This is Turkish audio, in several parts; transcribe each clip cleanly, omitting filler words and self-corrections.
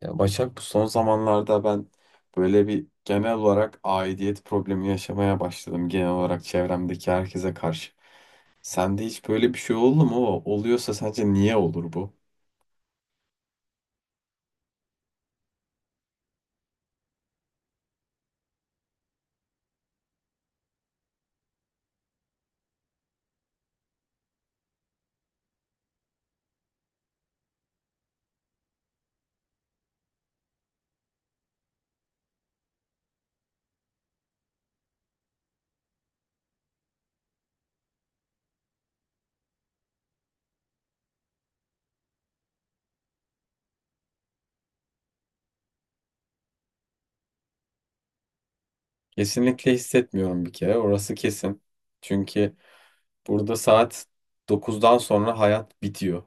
Ya Başak bu son zamanlarda ben böyle bir genel olarak aidiyet problemi yaşamaya başladım genel olarak çevremdeki herkese karşı. Sende hiç böyle bir şey oldu mu? Oluyorsa sence niye olur bu? Kesinlikle hissetmiyorum bir kere orası kesin. Çünkü burada saat 9'dan sonra hayat bitiyor.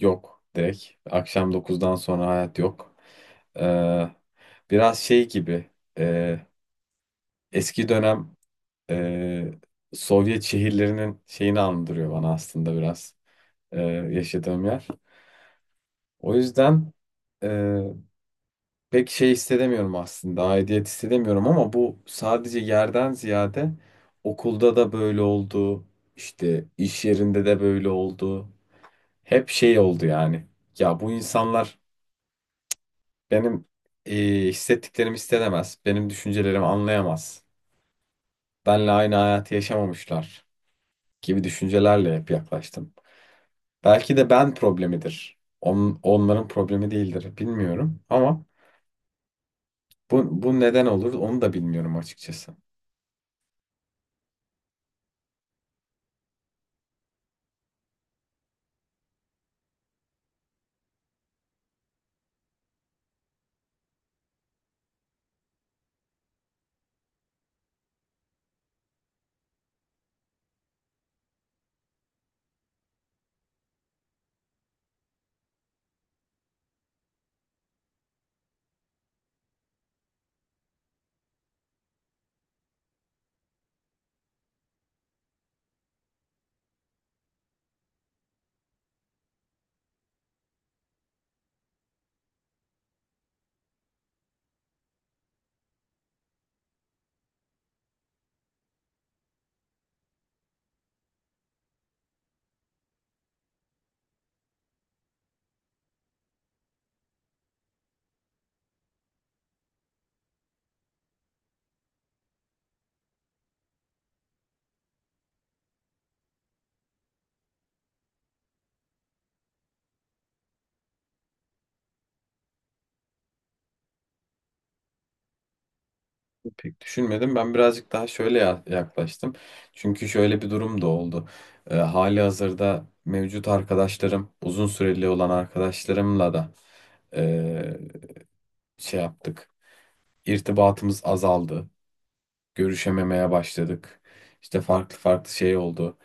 Yok direkt. Akşam 9'dan sonra hayat yok. Ee, biraz şey gibi e, eski dönem e, Sovyet şehirlerinin şeyini andırıyor bana aslında biraz yaşadığım yer. O yüzden e, pek şey hissedemiyorum aslında, aidiyet hissedemiyorum ama bu sadece yerden ziyade okulda da böyle oldu, işte iş yerinde de böyle oldu. Hep şey oldu yani. Ya bu insanlar benim e, hissettiklerimi hissedemez, benim düşüncelerimi anlayamaz. Benle aynı hayatı yaşamamışlar gibi düşüncelerle hep yaklaştım. Belki de ben problemidir. Onların problemi değildir. Bilmiyorum ama bu neden olur onu da bilmiyorum açıkçası. Pek düşünmedim. Ben birazcık daha şöyle yaklaştım. Çünkü şöyle bir durum da oldu. Hali hazırda mevcut arkadaşlarım, uzun süreli olan arkadaşlarımla da e, şey yaptık. İrtibatımız azaldı. Görüşememeye başladık. İşte farklı farklı şey oldu.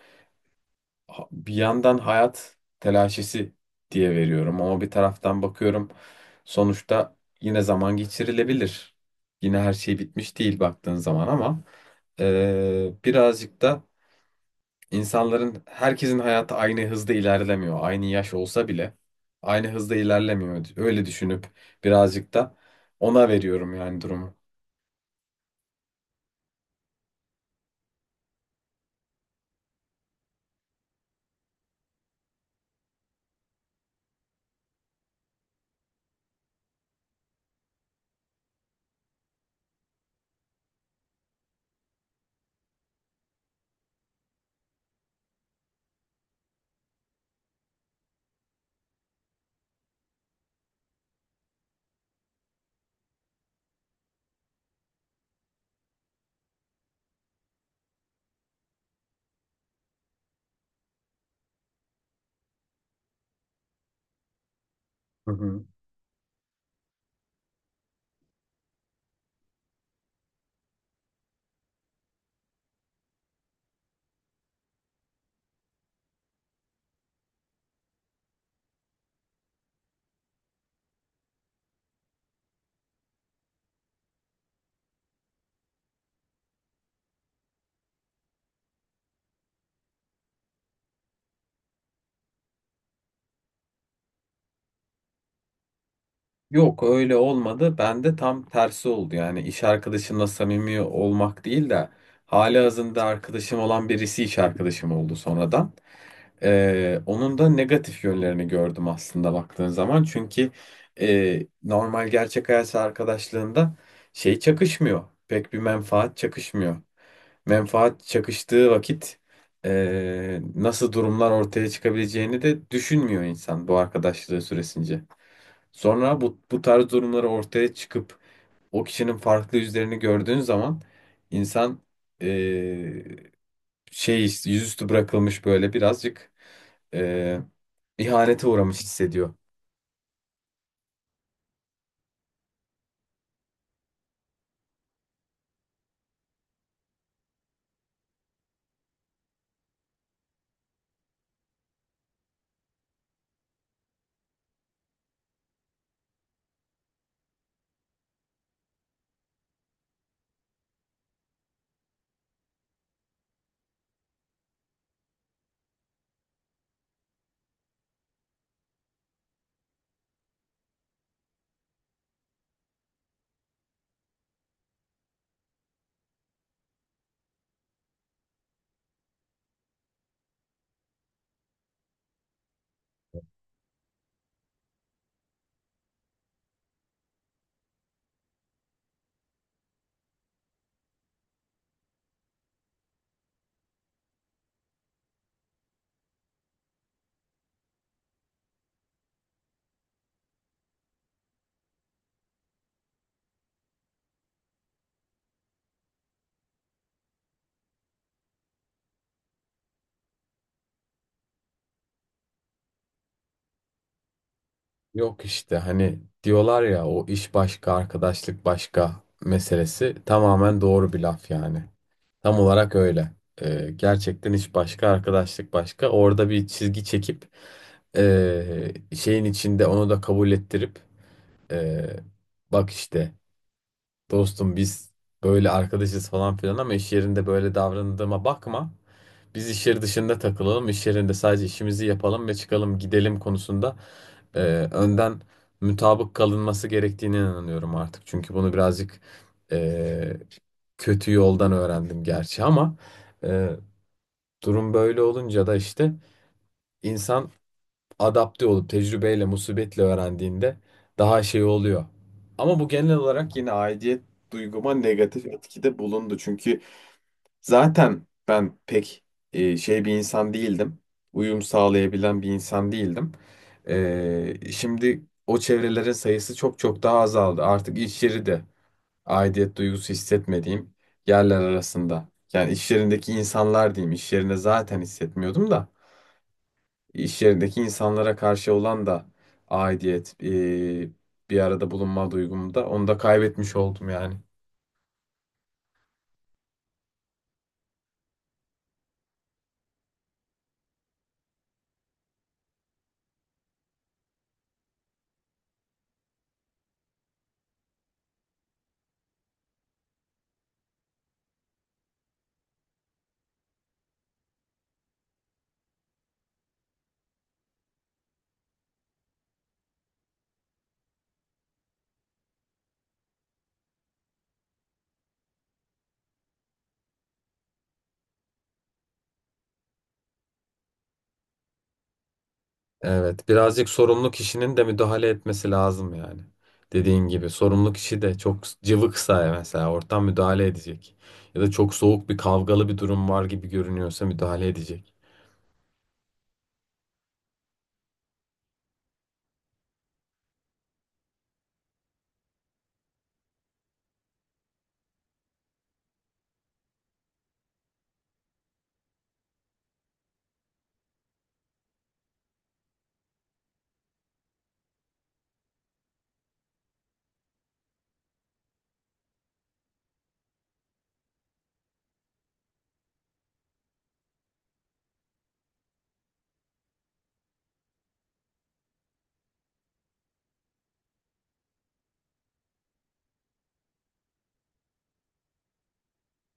Bir yandan hayat telaşesi diye veriyorum ama bir taraftan bakıyorum sonuçta yine zaman geçirilebilir. Yine her şey bitmiş değil baktığın zaman ama birazcık da insanların herkesin hayatı aynı hızda ilerlemiyor. Aynı yaş olsa bile aynı hızda ilerlemiyor. Öyle düşünüp birazcık da ona veriyorum yani durumu. Hı hı. Yok öyle olmadı. Bende tam tersi oldu. Yani iş arkadaşımla samimi olmak değil de halihazırda arkadaşım olan birisi iş arkadaşım oldu sonradan. Onun da negatif yönlerini gördüm aslında baktığın zaman. Çünkü normal gerçek hayat arkadaşlığında şey çakışmıyor. Pek bir menfaat çakışmıyor. Menfaat çakıştığı vakit nasıl durumlar ortaya çıkabileceğini de düşünmüyor insan bu arkadaşlığı süresince. Sonra bu tarz durumları ortaya çıkıp o kişinin farklı yüzlerini gördüğün zaman insan eee, şey yüzüstü bırakılmış böyle birazcık eee, ihanete uğramış hissediyor. Yok işte hani diyorlar ya o iş başka arkadaşlık başka meselesi tamamen doğru bir laf yani. Tam olarak öyle. Gerçekten hiç başka arkadaşlık başka. Orada bir çizgi çekip şeyin içinde onu da kabul ettirip ee, bak işte dostum biz böyle arkadaşız falan filan ama iş yerinde böyle davrandığıma bakma. Biz iş yeri dışında takılalım, iş yerinde sadece işimizi yapalım ve çıkalım, gidelim konusunda e, önden mutabık kalınması gerektiğine inanıyorum artık. Çünkü bunu birazcık e, kötü yoldan öğrendim gerçi ama e, durum böyle olunca da işte insan adapte olup tecrübeyle, musibetle öğrendiğinde daha şey oluyor. Ama bu genel olarak yine aidiyet duyguma negatif etkide bulundu. Çünkü zaten ben pek şey bir insan değildim. Uyum sağlayabilen bir insan değildim. Şimdi o çevrelerin sayısı çok çok daha azaldı. Artık iş yeri de aidiyet duygusu hissetmediğim yerler arasında. Yani iş yerindeki insanlar diyeyim. İş yerine zaten hissetmiyordum da. İş yerindeki insanlara karşı olan da aidiyet, bir arada bulunma duygumu da onu da kaybetmiş oldum yani. Evet, birazcık sorumlu kişinin de müdahale etmesi lazım yani. Dediğin gibi sorumlu kişi de çok cıvıksa mesela ortam müdahale edecek. Ya da çok soğuk bir kavgalı bir durum var gibi görünüyorsa müdahale edecek.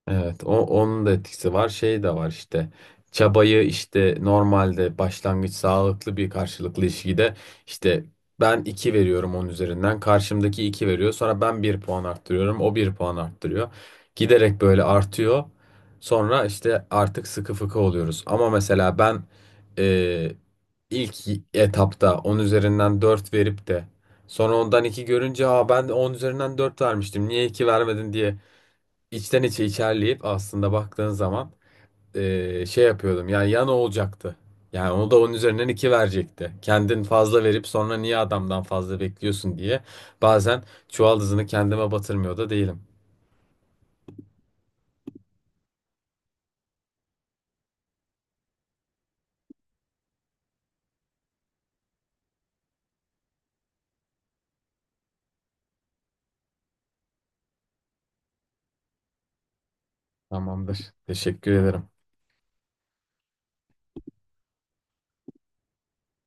Evet, onun da etkisi var. Şey de var işte. Çabayı işte normalde başlangıç sağlıklı bir karşılıklı ilişkide işte ben 2 veriyorum onun üzerinden. Karşımdaki 2 veriyor. Sonra ben bir puan arttırıyorum. O bir puan arttırıyor. Giderek böyle artıyor. Sonra işte artık sıkı fıkı oluyoruz. Ama mesela ben e, ilk etapta 10 üzerinden 4 verip de sonra ondan 2 görünce Aa, ben de 10 üzerinden 4 vermiştim. Niye 2 vermedin diye içten içe içerleyip aslında baktığın zaman şey yapıyordum. Yani ya ne olacaktı? Yani onu da onun üzerinden iki verecekti. Kendin fazla verip sonra niye adamdan fazla bekliyorsun diye bazen çuval hızını kendime batırmıyor da değilim. Tamamdır. Teşekkür ederim.